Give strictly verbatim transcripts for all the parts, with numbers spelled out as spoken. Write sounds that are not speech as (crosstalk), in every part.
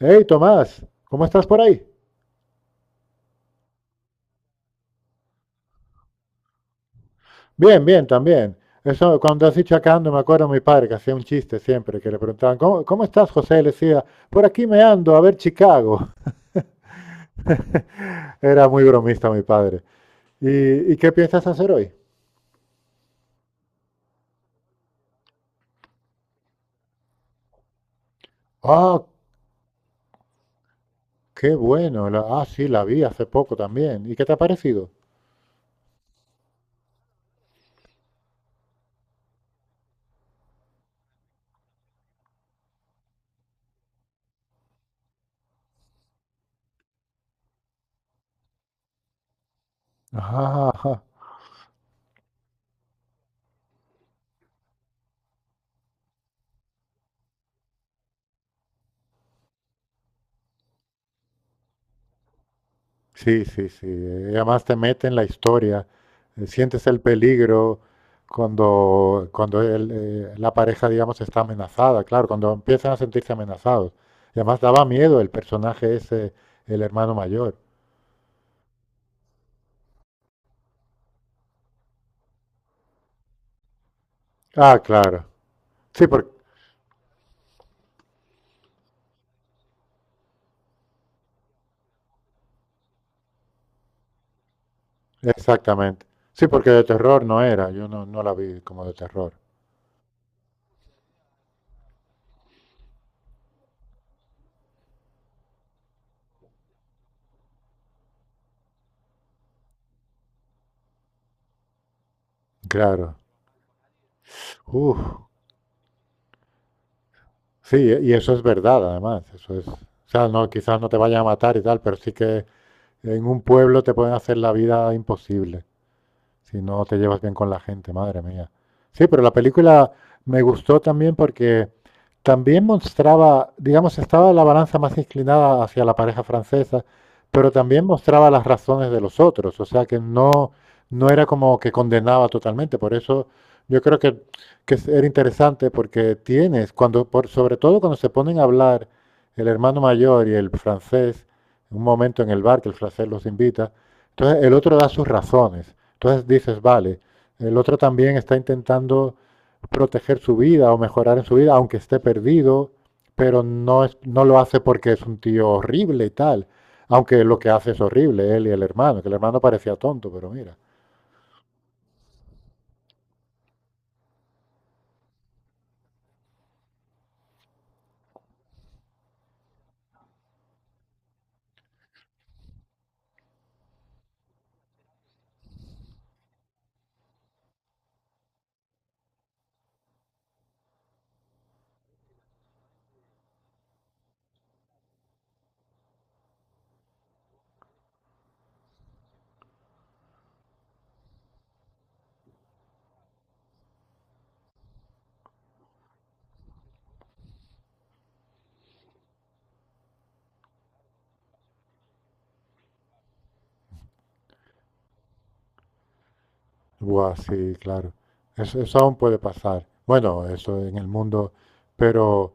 Hey, Tomás, ¿cómo estás por ahí? Bien, bien, también. Eso, cuando has dicho acá ando, me acuerdo a mi padre que hacía un chiste siempre, que le preguntaban, ¿cómo, cómo estás, José? Y le decía, por aquí me ando, a ver Chicago. (laughs) Era muy bromista mi padre. ¿Y, y qué piensas hacer hoy? Ah, qué bueno. La- ah, sí, la vi hace poco también. ¿Y qué te ha parecido? Ah, sí, sí, sí. eh, Además te mete en la historia, eh, sientes el peligro cuando, cuando el, eh, la pareja, digamos, está amenazada, claro, cuando empiezan a sentirse amenazados. Y además daba miedo el personaje ese, el hermano mayor. Ah, claro. Sí, porque, exactamente. Sí, porque de terror no era, yo no, no la vi como de terror. Claro. Uf, sí, y eso es verdad, además. Eso es, o sea, no, quizás no te vayan a matar y tal, pero sí que en un pueblo te pueden hacer la vida imposible si no te llevas bien con la gente, madre mía. Sí, pero la película me gustó también porque también mostraba, digamos, estaba la balanza más inclinada hacia la pareja francesa, pero también mostraba las razones de los otros, o sea que no, no era como que condenaba totalmente, por eso yo creo que, que es- era interesante porque tienes, cuando, por, sobre todo cuando se ponen a hablar el hermano mayor y el francés, un momento en el bar que el francés los invita, entonces el otro da sus razones. Entonces dices, vale, el otro también está intentando proteger su vida o mejorar en su vida, aunque esté perdido, pero no, es, no lo hace porque es un tío horrible y tal. Aunque lo que hace es horrible, él y el hermano, que el hermano parecía tonto, pero mira. Buah, sí, claro. Eso, eso aún puede pasar. Bueno, eso en el mundo. Pero,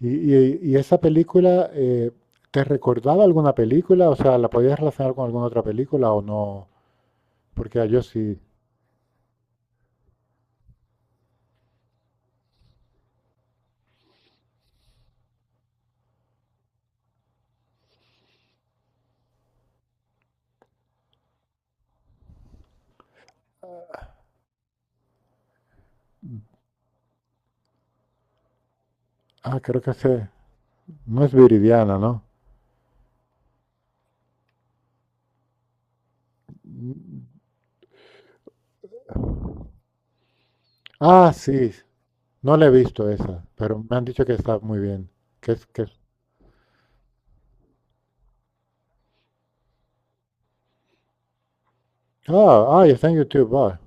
¿y, y- y esa película eh, te recordaba alguna película? O sea, ¿la podías relacionar con alguna otra película o no? Porque yo sí. Ah, creo que sé. No es Viridiana, ¿no? Ah, sí. No la he visto esa, pero me han dicho que está muy bien. Que es, que es- Ah, ah, y está en YouTube. Ah,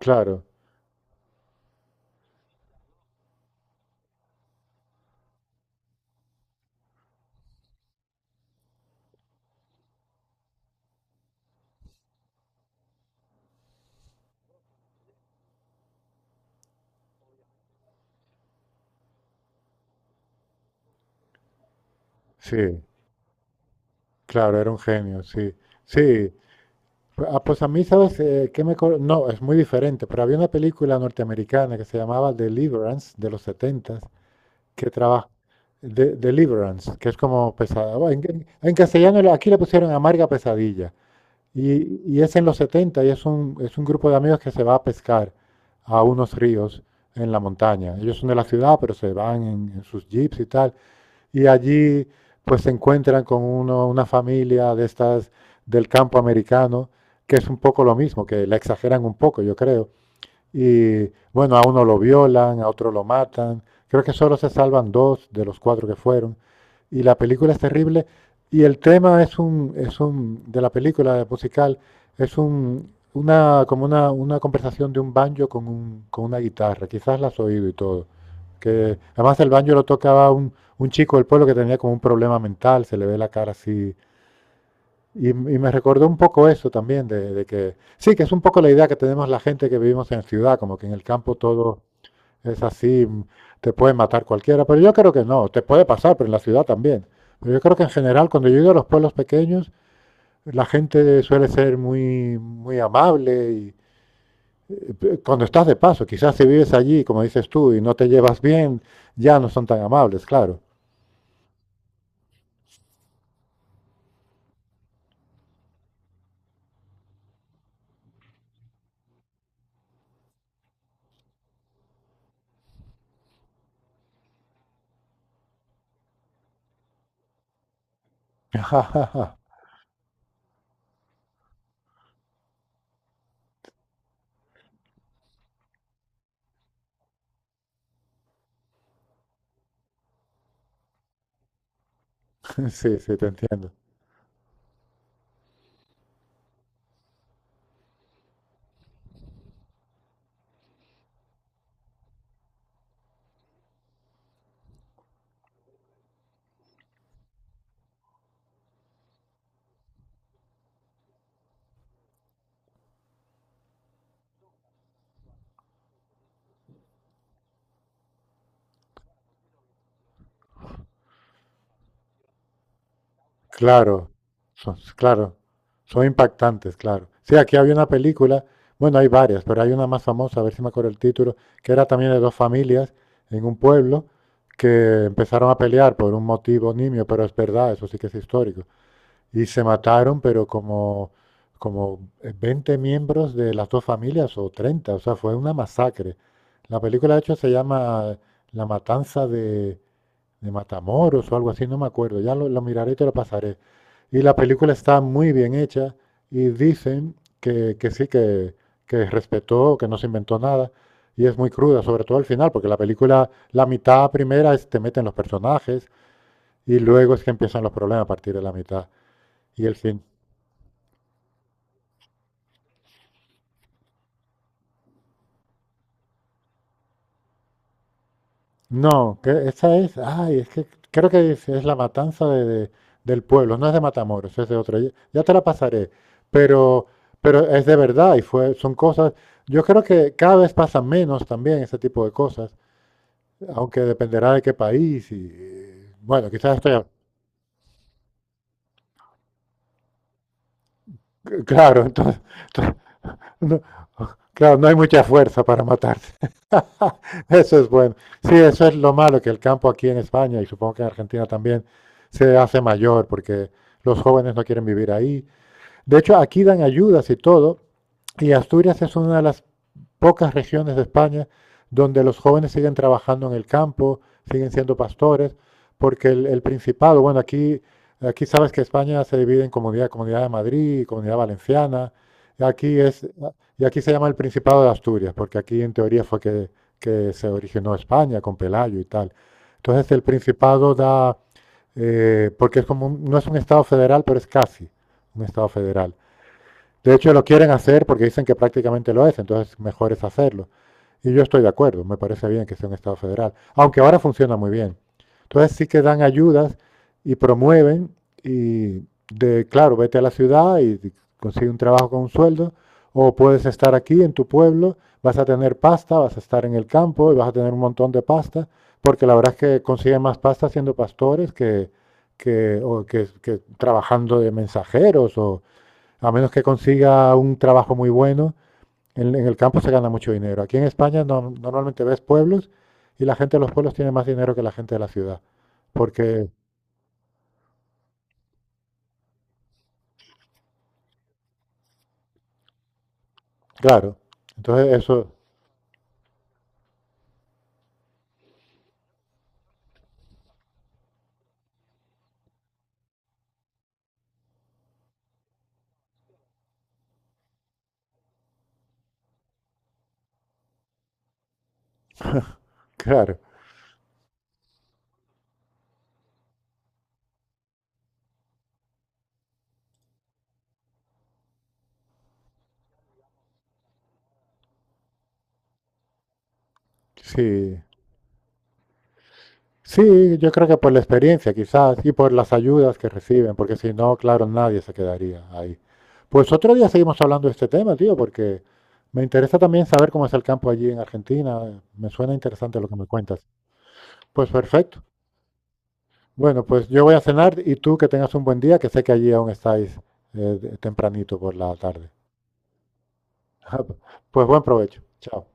claro. Sí, claro, era un genio, sí. Sí. Ah, pues a mí, ¿sabes eh, qué me... co- no, es muy diferente, pero había una película norteamericana que se llamaba Deliverance, de los setentas que trabaja... De, Deliverance, que es como pesada. Bueno, En, en- en castellano la- aquí le pusieron amarga pesadilla. Y, y es en los setenta y es un, es un grupo de amigos que se va a pescar a unos ríos en la montaña. Ellos son de la ciudad, pero se van en, en sus jeeps y tal. Y allí pues se encuentran con uno, una familia de estas del campo americano, que es un poco lo mismo, que la exageran un poco, yo creo y bueno, a uno lo violan, a otro lo matan. Creo que solo se salvan dos de los cuatro que fueron. Y la película es terrible. Y el tema es un, es un, de la película musical, es un, una, como una, una conversación de un banjo con, un, con una guitarra. Quizás la has oído y todo. Que además el banjo lo tocaba un, un chico del pueblo que tenía como un problema mental, se le ve la cara así y, y me recordó un poco eso también, de, de que sí, que es un poco la idea que tenemos la gente que vivimos en ciudad, como que en el campo todo es así, mm, te puede matar cualquiera, pero yo creo que no, te puede pasar, pero en la ciudad también. Pero yo creo que en general, cuando yo he ido a los pueblos pequeños, la gente suele ser muy, muy amable y eh, cuando estás de paso, quizás si vives allí, como dices tú, y no te llevas bien, ya no son tan amables, claro. (laughs) Sí, sí, te entiendo. Claro, son, claro, son impactantes, claro. Sí, aquí había una película, bueno, hay varias, pero hay una más famosa, a ver si me acuerdo el título, que era también de dos familias en un pueblo que empezaron a pelear por un motivo nimio, pero es verdad, eso sí que es histórico. Y se mataron, pero como, como eh, veinte miembros de las dos familias o treinta, o sea, fue una masacre. La película, de hecho, se llama La Matanza de, de Matamoros o algo así, no me acuerdo, ya lo, lo miraré y te lo pasaré. Y la película está muy bien hecha y dicen que, que sí, que, que respetó, que no se inventó nada y es muy cruda, sobre todo al final, porque la película, la mitad primera es te meten los personajes y luego es que empiezan los problemas a partir de la mitad. Y el, cin- No, que esa es, ay, es que creo que es, es la matanza de, de- del pueblo, no es de Matamoros, es de otra. Ya, ya te la pasaré, pero, pero es de verdad y fue, son cosas. Yo creo que cada vez pasan menos también ese tipo de cosas, aunque dependerá de qué país y bueno, quizás estoy, (laughs) a- claro, entonces, (laughs) entonces, no, claro, no hay mucha fuerza para matarse. Eso es bueno. Sí, eso es lo malo, que el campo aquí en España y supongo que en Argentina también se hace mayor porque los jóvenes no quieren vivir ahí. De hecho, aquí dan ayudas y todo. Y Asturias es una de las pocas regiones de España donde los jóvenes siguen trabajando en el campo, siguen siendo pastores, porque el, el Principado, bueno, aquí, aquí sabes que España se divide en comunidad, Comunidad de Madrid, y Comunidad Valenciana, y aquí es, y aquí se llama el Principado de Asturias, porque aquí en teoría fue que, que se originó España con Pelayo y tal. Entonces el Principado da, eh, porque es como un- no es un Estado federal, pero es casi un Estado federal. De hecho, lo quieren hacer porque dicen que prácticamente lo es, entonces mejor es hacerlo. Y yo estoy de acuerdo, me parece bien que sea un Estado federal, aunque ahora funciona muy bien. Entonces sí que dan ayudas y promueven y de, claro, vete a la ciudad y consigue un trabajo con un sueldo, o puedes estar aquí en tu pueblo, vas a tener pasta, vas a estar en el campo y vas a tener un montón de pasta, porque la verdad es que consiguen más pasta siendo pastores que, que, o que, que trabajando de mensajeros o, a menos que consiga un trabajo muy bueno, en, en el campo se gana mucho dinero. Aquí en España no- normalmente ves pueblos y la gente de los pueblos tiene más dinero que la gente de la ciudad. Porque, claro, entonces eso, claro, sí. Sí, yo creo que por la experiencia quizás y por las ayudas que reciben, porque si no, claro, nadie se quedaría ahí. Pues otro día seguimos hablando de este tema, tío, porque me interesa también saber cómo es el campo allí en Argentina. Me suena interesante lo que me cuentas. Pues perfecto. Bueno, pues yo voy a cenar y tú que tengas un buen día, que sé que allí aún estáis eh, de- tempranito por la tarde. (laughs) Pues buen provecho. Chao.